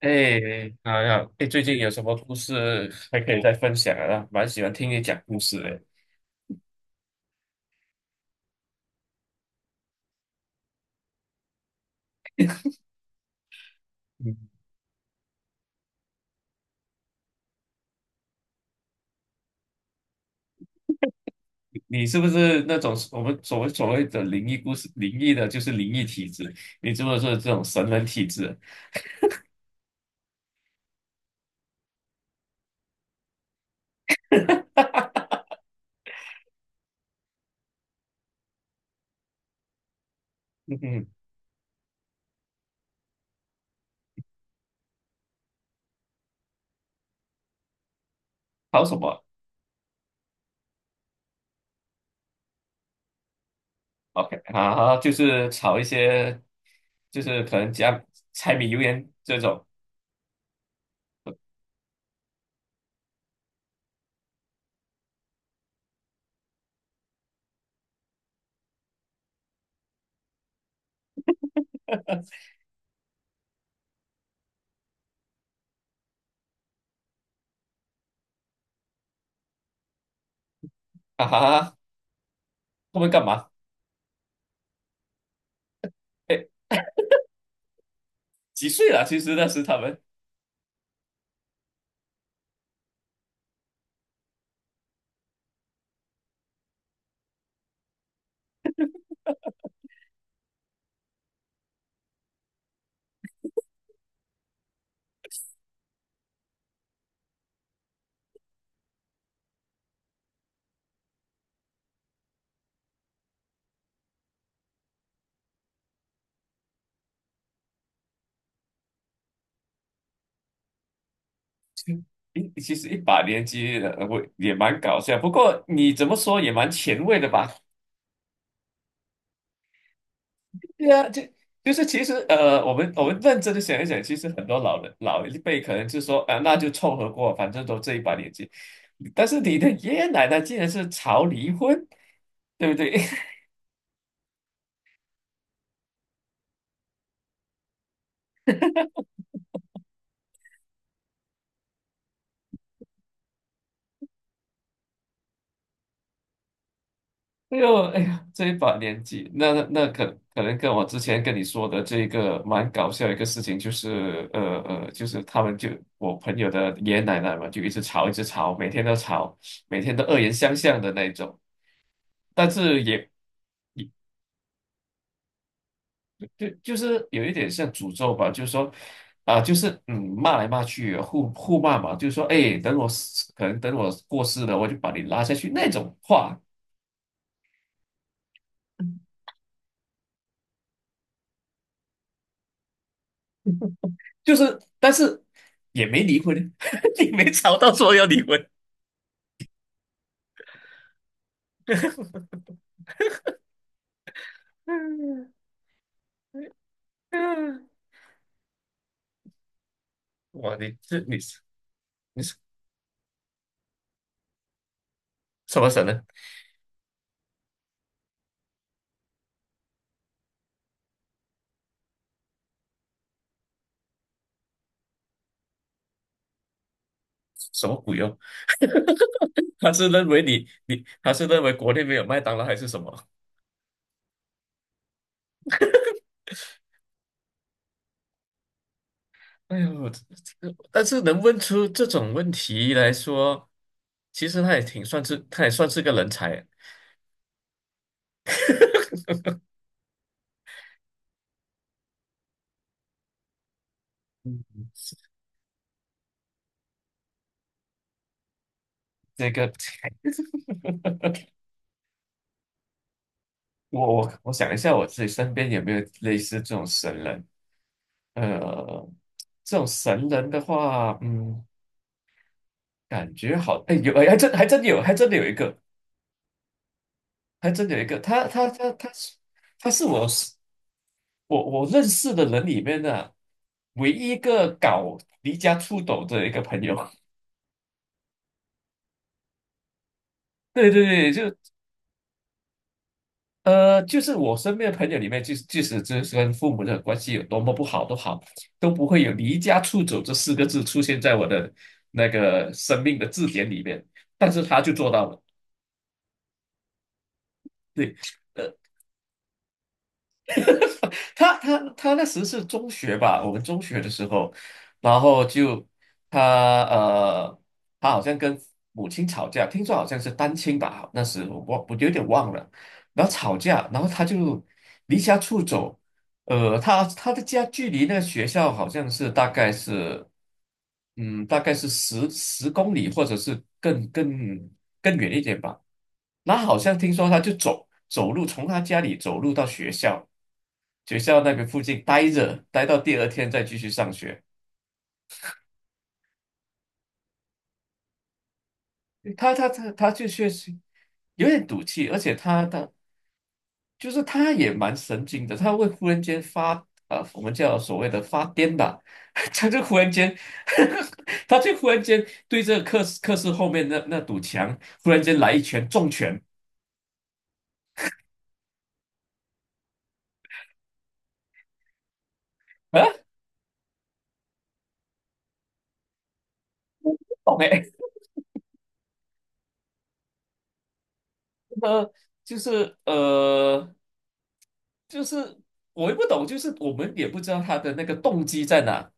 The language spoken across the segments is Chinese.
哎，好呀，哎，最近有什么故事还可以再分享啊？蛮喜欢听你讲故事的。你你是不是那种我们所谓的灵异故事？灵异的就是灵异体质，你是不是这种神人体质？嗯哼，吵什么？OK，好，好，就是吵一些，就是可能讲柴米油盐这种。啊哈，他们干嘛？哎，几岁了？其实那时他们。其实一把年纪了，我也蛮搞笑。不过你怎么说也蛮前卫的吧？对啊，就是其实我们认真的想一想，其实很多老人老一辈可能就说啊，那就凑合过，反正都这一把年纪。但是你的爷爷奶奶竟然是吵离婚，对不对？哎呦哎呀，这一把年纪，那可可能跟我之前跟你说的这个蛮搞笑的一个事情，就是就是他们就我朋友的爷爷奶奶嘛，就一直吵一直吵，每天都吵，每天都恶言相向的那一种。但是也。就就是有一点像诅咒吧，就是说，啊、就是嗯，骂来骂去，互骂嘛，就是说，哎，等我死可能等我过世了，我就把你拉下去那种话，就是，但是也没离婚，你没吵到说要离婚，哇，你这你你是什么神呢？什么鬼哦？他是认为他是认为国内没有麦当劳还是什么？哎呦，这但是能问出这种问题来说，其实他也挺算是他也算是个人才。这个，我想一下，我自己身边有没有类似这种神人？呃，这种神人的话，嗯，感觉好，哎，有，哎，还真有，还真的有一个，还真的有一个，他是他是我认识的人里面的唯一一个搞离家出走的一个朋友。对对对，就就是我身边的朋友里面，就是即使就是跟父母的关系有多么不好都好，都不会有离家出走这四个字出现在我的那个生命的字典里面。但是他就做到了，对，呃，他那时是中学吧，我们中学的时候，然后就他呃，他好像跟母亲吵架，听说好像是单亲吧，那时我有点忘了，然后吵架，然后他就离家出走。呃，他他的家距离那个学校好像是大概是，嗯，大概是十公里，或者是更远一点吧。那好像听说他就走走路，从他家里走路到学校，学校那边附近待着，待到第二天再继续上学。他就确实有点赌气，而且他就是他也蛮神经的，他会忽然间发我们叫所谓的发癫吧，他就忽然间，他就忽然间对这个课室后面那堵墙，忽然间来一拳重拳，啊，懂哎，呃，就是就是我也不懂，就是我们也不知道他的那个动机在哪，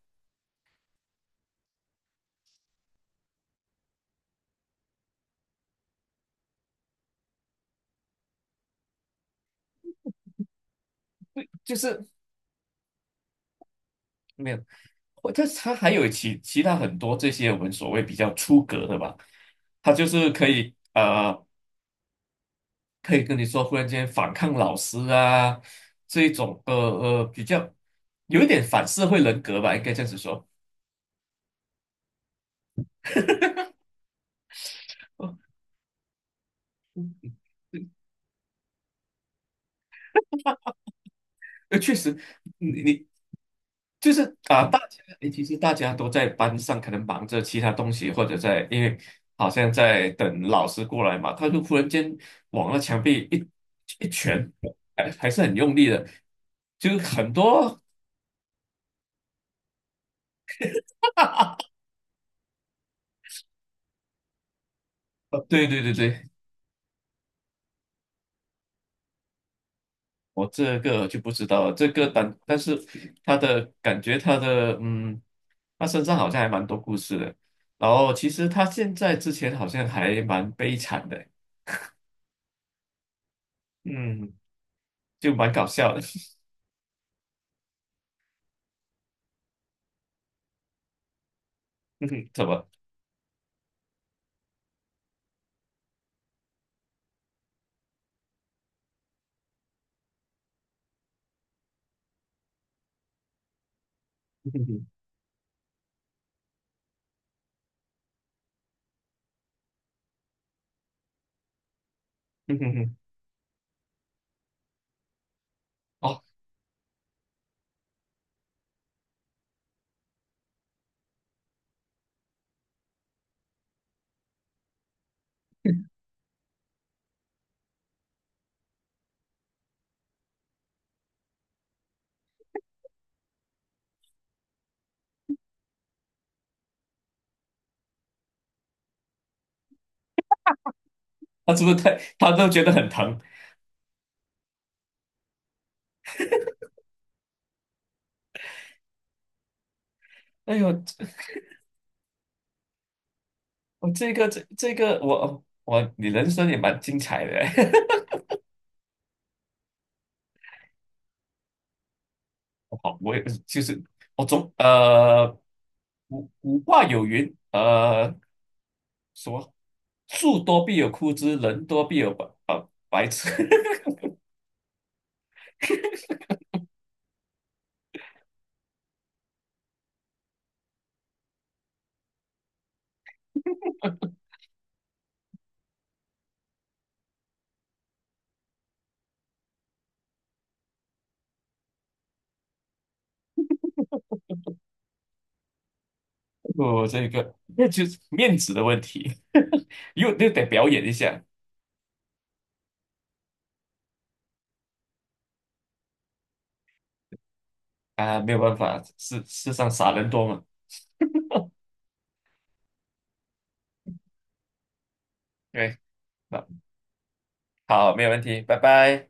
就是没有，他他还有其他很多这些我们所谓比较出格的吧，他就是可以。可以跟你说，忽然间反抗老师啊，这一种比较有一点反社会人格吧，应该这样子说。哦，嗯确实，你你就是啊，大家诶其实大家都在班上可能忙着其他东西，或者在因为好像在等老师过来嘛，他就忽然间往那墙壁一拳，还是很用力的，就很多，哈，对对对对。我这个就不知道了，这个但是他的感觉，他的他身上好像还蛮多故事的。然后其实他现在之前好像还蛮悲惨的，嗯，就蛮搞笑的。嗯哼，怎么？嗯哼嗯哼哼哦，他是不是太他都觉得很疼？哎呦，这我这个这这个我我你人生也蛮精彩的。好，我也就是我总呃古话有云，什么树多必有枯枝，人多必有白痴。我这个那就是面子的问题，又得表演一下啊，没有办法，世上傻人多嘛。对，那好，没有问题，拜拜。